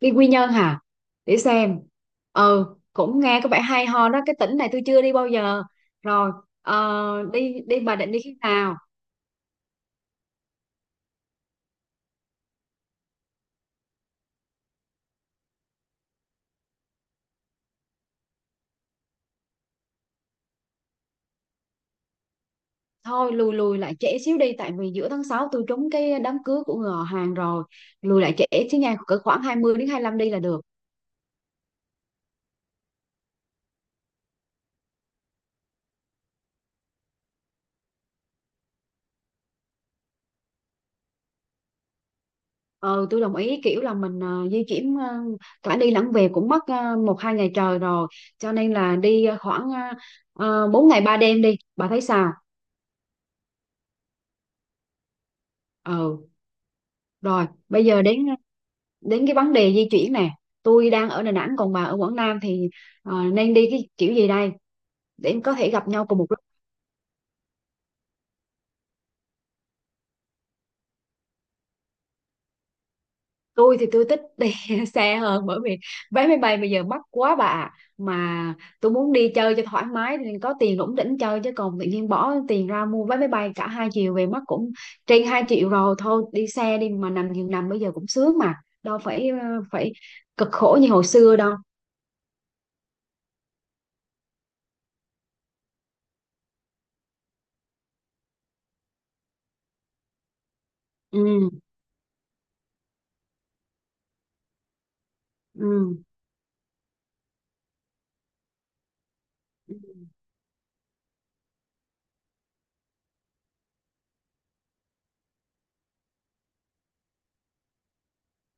Đi Quy Nhơn hả? Để xem. Ừ, cũng nghe có vẻ hay ho đó, cái tỉnh này tôi chưa đi bao giờ. Rồi. ờ, đi đi Bà Định, đi khi nào? Thôi, lùi lùi lại trễ xíu đi, tại vì giữa tháng 6 tôi trúng cái đám cưới của người họ hàng rồi. Lùi lại trễ xíu nha, cỡ khoảng 20 đến 25 đi là được. Ừ, tôi đồng ý, kiểu là mình di chuyển cả đi lẫn về cũng mất một hai ngày trời rồi, cho nên là đi khoảng 4 ngày 3 đêm, đi, bà thấy sao? Ừ, rồi bây giờ đến đến cái vấn đề di chuyển nè. Tôi đang ở Đà Nẵng còn bà ở Quảng Nam thì nên đi cái kiểu gì đây để em có thể gặp nhau cùng một lúc? Tôi thì tôi thích đi xe hơn, bởi vì vé máy bay bây giờ mắc quá, bà ạ. Mà tôi muốn đi chơi cho thoải mái thì có tiền rủng rỉnh chơi, chứ còn tự nhiên bỏ tiền ra mua vé máy bay cả hai chiều về mất cũng trên 2 triệu rồi. Thôi đi xe đi, mà nằm giường nằm bây giờ cũng sướng mà, đâu phải cực khổ như hồi xưa đâu. Ừ, ừ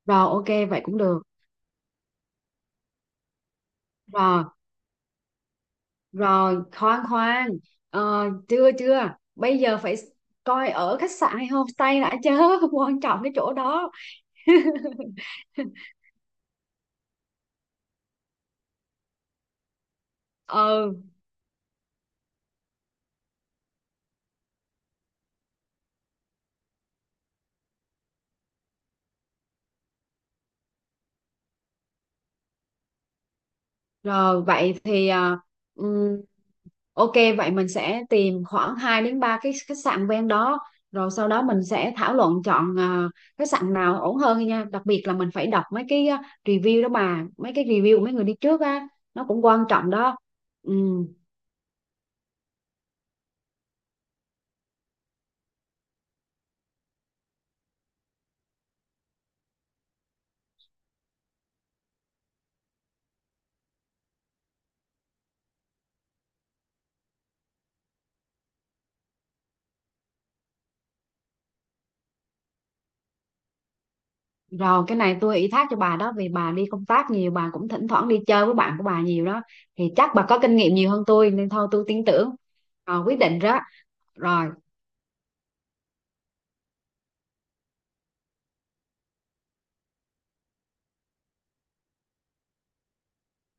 rồi ok, vậy cũng được. Rồi. Rồi, khoan khoan. Ờ, chưa chưa. Bây giờ phải coi ở khách sạn hay homestay đã chứ. Quan trọng cái chỗ đó. Ừ. Rồi vậy thì ừm, ok, vậy mình sẽ tìm khoảng 2 đến 3 cái khách sạn ven đó. Rồi sau đó mình sẽ thảo luận chọn khách sạn nào ổn hơn nha. Đặc biệt là mình phải đọc mấy cái review đó bà, mấy cái review của mấy người đi trước á, nó cũng quan trọng đó. Ừ. Rồi cái này tôi ủy thác cho bà đó, vì bà đi công tác nhiều, bà cũng thỉnh thoảng đi chơi với bạn của bà nhiều đó, thì chắc bà có kinh nghiệm nhiều hơn tôi nên thôi tôi tin tưởng rồi quyết định đó. Rồi.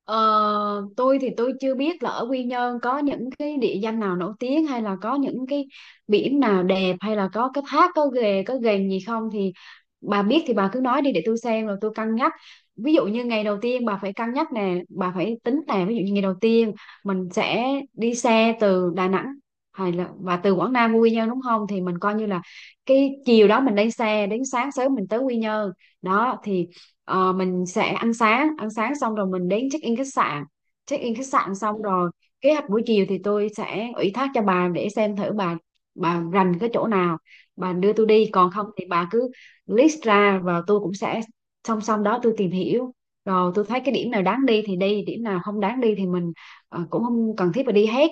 Ờ, tôi thì tôi chưa biết là ở Quy Nhơn có những cái địa danh nào nổi tiếng, hay là có những cái biển nào đẹp, hay là có cái thác, có ghềnh gì không, thì bà biết thì bà cứ nói đi để tôi xem rồi tôi cân nhắc. Ví dụ như ngày đầu tiên bà phải cân nhắc nè, bà phải tính nè, ví dụ như ngày đầu tiên mình sẽ đi xe từ Đà Nẵng, hay là và từ Quảng Nam qua Quy Nhơn, đúng không, thì mình coi như là cái chiều đó mình lên xe, đến sáng sớm mình tới Quy Nhơn đó thì Ờ, mình sẽ ăn sáng. Ăn sáng xong rồi mình đến check in khách sạn. Check in khách sạn xong rồi, kế hoạch buổi chiều thì tôi sẽ ủy thác cho bà, để xem thử bà rành cái chỗ nào, bà đưa tôi đi, còn không thì bà cứ list ra và tôi cũng sẽ song song đó tôi tìm hiểu, rồi tôi thấy cái điểm nào đáng đi thì đi, điểm nào không đáng đi thì mình cũng không cần thiết phải đi hết,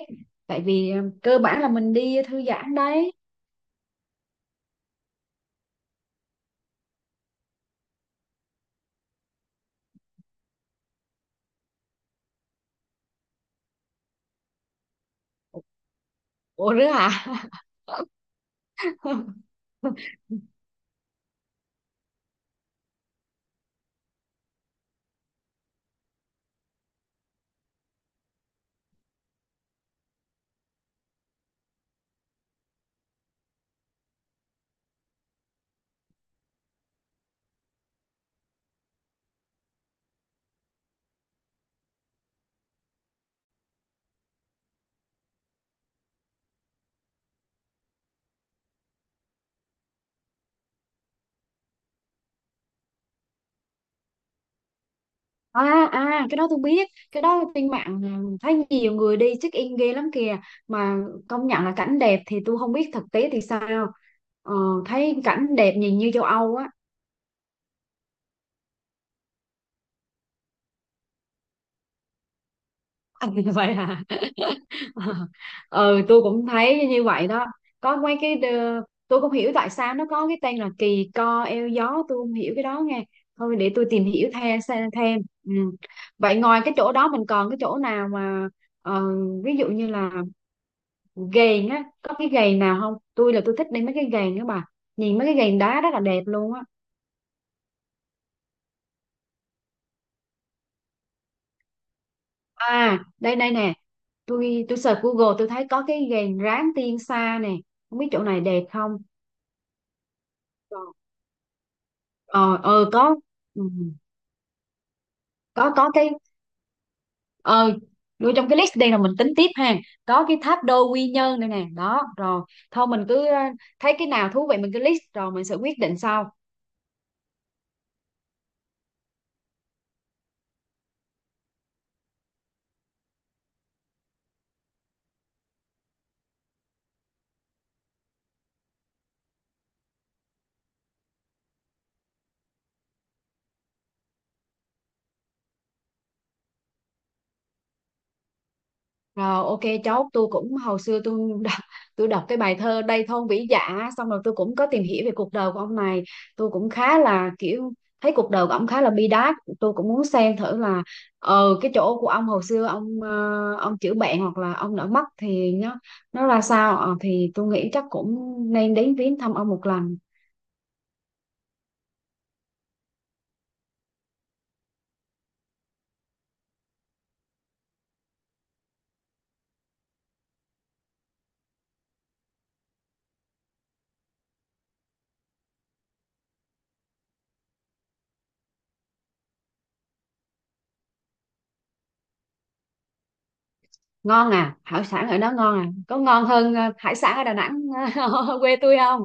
tại vì cơ bản là mình đi thư giãn đấy. Ủa rứa hả? À à, cái đó tôi biết. Cái đó trên mạng thấy nhiều người đi check in ghê lắm kìa. Mà công nhận là cảnh đẹp, thì tôi không biết thực tế thì sao. ờ, Thấy cảnh đẹp nhìn như châu Âu á. Vậy à? Ừ, tôi cũng thấy như vậy đó. Có mấy cái đờ- Tôi không hiểu tại sao nó có cái tên là kỳ co eo gió. Tôi không hiểu cái đó nghe. Thôi để tôi tìm hiểu thêm xem thêm. Ừ. Vậy ngoài cái chỗ đó mình còn cái chỗ nào mà ờ, ví dụ như là gầy á, có cái gầy nào không, tôi là tôi thích đi mấy cái gầy nữa bà, nhìn mấy cái gầy đá rất là đẹp luôn á. À đây đây nè, tôi search Google tôi thấy có cái gầy ráng tiên sa nè, không biết chỗ này đẹp không. Ờ ờ có. Ừ, có cái ờ nuôi trong cái list đây là mình tính tiếp ha. Có cái tháp đôi Quy Nhơn đây nè, đó rồi. Thôi mình cứ thấy cái nào thú vị mình cứ list rồi mình sẽ quyết định sau. Rồi ok. Chốt. Tôi cũng hồi xưa tôi đọc cái bài thơ Đây Thôn Vĩ Dạ, xong rồi tôi cũng có tìm hiểu về cuộc đời của ông này, tôi cũng khá là kiểu thấy cuộc đời của ông khá là bi đát, tôi cũng muốn xem thử là cái chỗ của ông hồi xưa ông ông chữa bệnh, hoặc là ông đã mất thì nó ra sao. Ờ, thì tôi nghĩ chắc cũng nên đến viếng thăm ông một lần. Ngon à? Hải sản ở đó ngon à, có ngon hơn hải sản ở Đà Nẵng quê tôi không?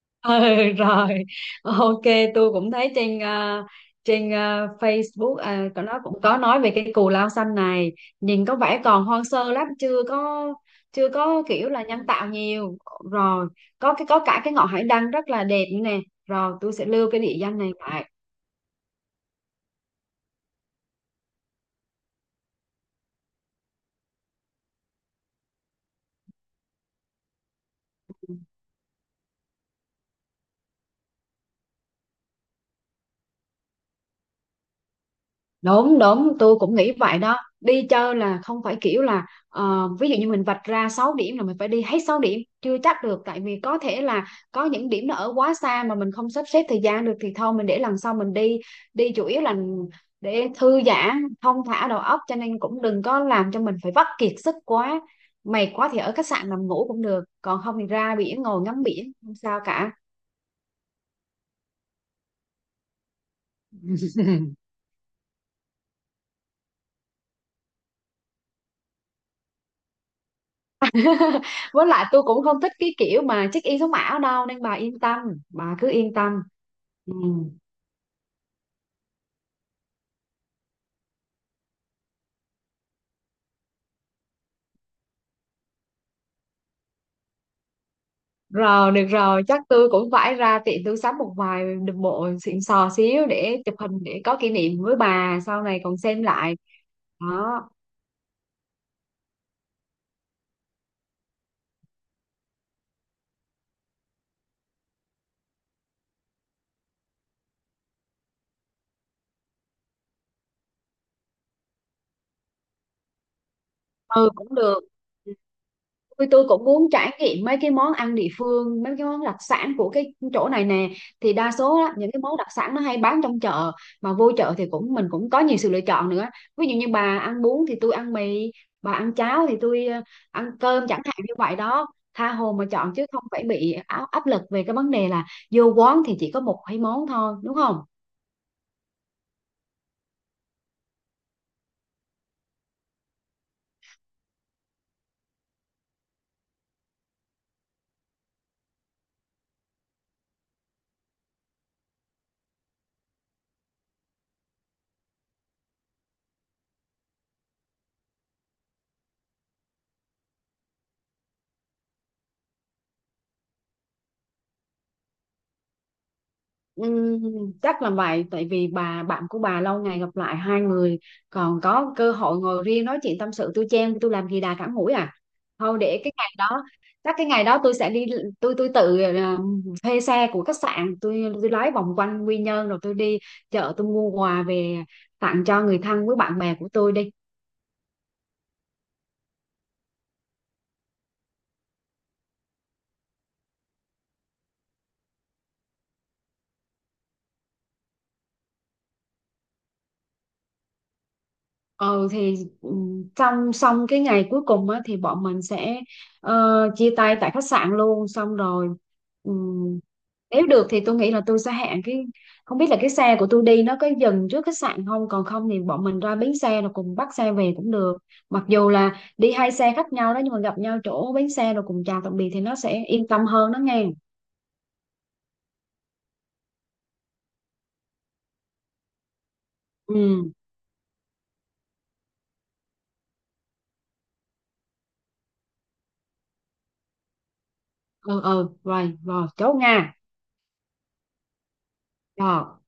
Ừ, rồi ok. Tôi cũng thấy trên Facebook có nó cũng có nói về cái Cù Lao Xanh này, nhìn có vẻ còn hoang sơ lắm, chưa có kiểu là nhân tạo nhiều. Rồi có cả cái ngọn hải đăng rất là đẹp nữa nè. Rồi tôi sẽ lưu cái địa danh này lại. Đúng đúng, tôi cũng nghĩ vậy đó, đi chơi là không phải kiểu là ví dụ như mình vạch ra 6 điểm là mình phải đi hết 6 điểm chưa chắc được, tại vì có thể là có những điểm nó ở quá xa mà mình không sắp xếp thời gian được, thì thôi mình để lần sau mình đi. Đi chủ yếu là để thư giãn thong thả đầu óc, cho nên cũng đừng có làm cho mình phải vắt kiệt sức quá. Mệt quá thì ở khách sạn nằm ngủ cũng được, còn không thì ra biển ngồi ngắm biển không sao cả. Với lại tôi cũng không thích cái kiểu mà check in sống ảo đâu, nên bà yên tâm, bà cứ yên tâm. Ừ. Rồi được rồi, chắc tôi cũng phải ra tiệm tôi sắm một vài bộ xịn sò xíu để chụp hình, để có kỷ niệm với bà sau này còn xem lại đó. Ừ cũng được. Ừ. Tôi cũng muốn trải nghiệm mấy cái món ăn địa phương, mấy cái món đặc sản của cái chỗ này nè, thì đa số á, những cái món đặc sản nó hay bán trong chợ, mà vô chợ thì cũng mình cũng có nhiều sự lựa chọn nữa. Ví dụ như bà ăn bún thì tôi ăn mì, bà ăn cháo thì tôi ăn cơm chẳng hạn, như vậy đó, tha hồ mà chọn, chứ không phải bị áp lực về cái vấn đề là vô quán thì chỉ có một hai món thôi, đúng không? Ừm, chắc là vậy, tại vì bà bạn của bà lâu ngày gặp lại, hai người còn có cơ hội ngồi riêng nói chuyện tâm sự, tôi chen tôi làm gì đà cản mũi à. Thôi để cái ngày đó, chắc cái ngày đó tôi sẽ đi, tôi tự thuê xe của khách sạn, tôi lái vòng quanh Quy Nhơn rồi tôi đi chợ tôi mua quà về tặng cho người thân với bạn bè của tôi đi. Ừ thì trong xong cái ngày cuối cùng á, thì bọn mình sẽ ờ, chia tay tại khách sạn luôn, xong rồi ừm, nếu được thì tôi nghĩ là tôi sẽ hẹn cái, không biết là cái xe của tôi đi nó có dừng trước khách sạn không, còn không thì bọn mình ra bến xe rồi cùng bắt xe về cũng được. Mặc dù là đi hai xe khác nhau đó, nhưng mà gặp nhau chỗ bến xe rồi cùng chào tạm biệt thì nó sẽ yên tâm hơn đó nghe. Ừ ừ ừ rồi, rồi chốt nha. Rồi.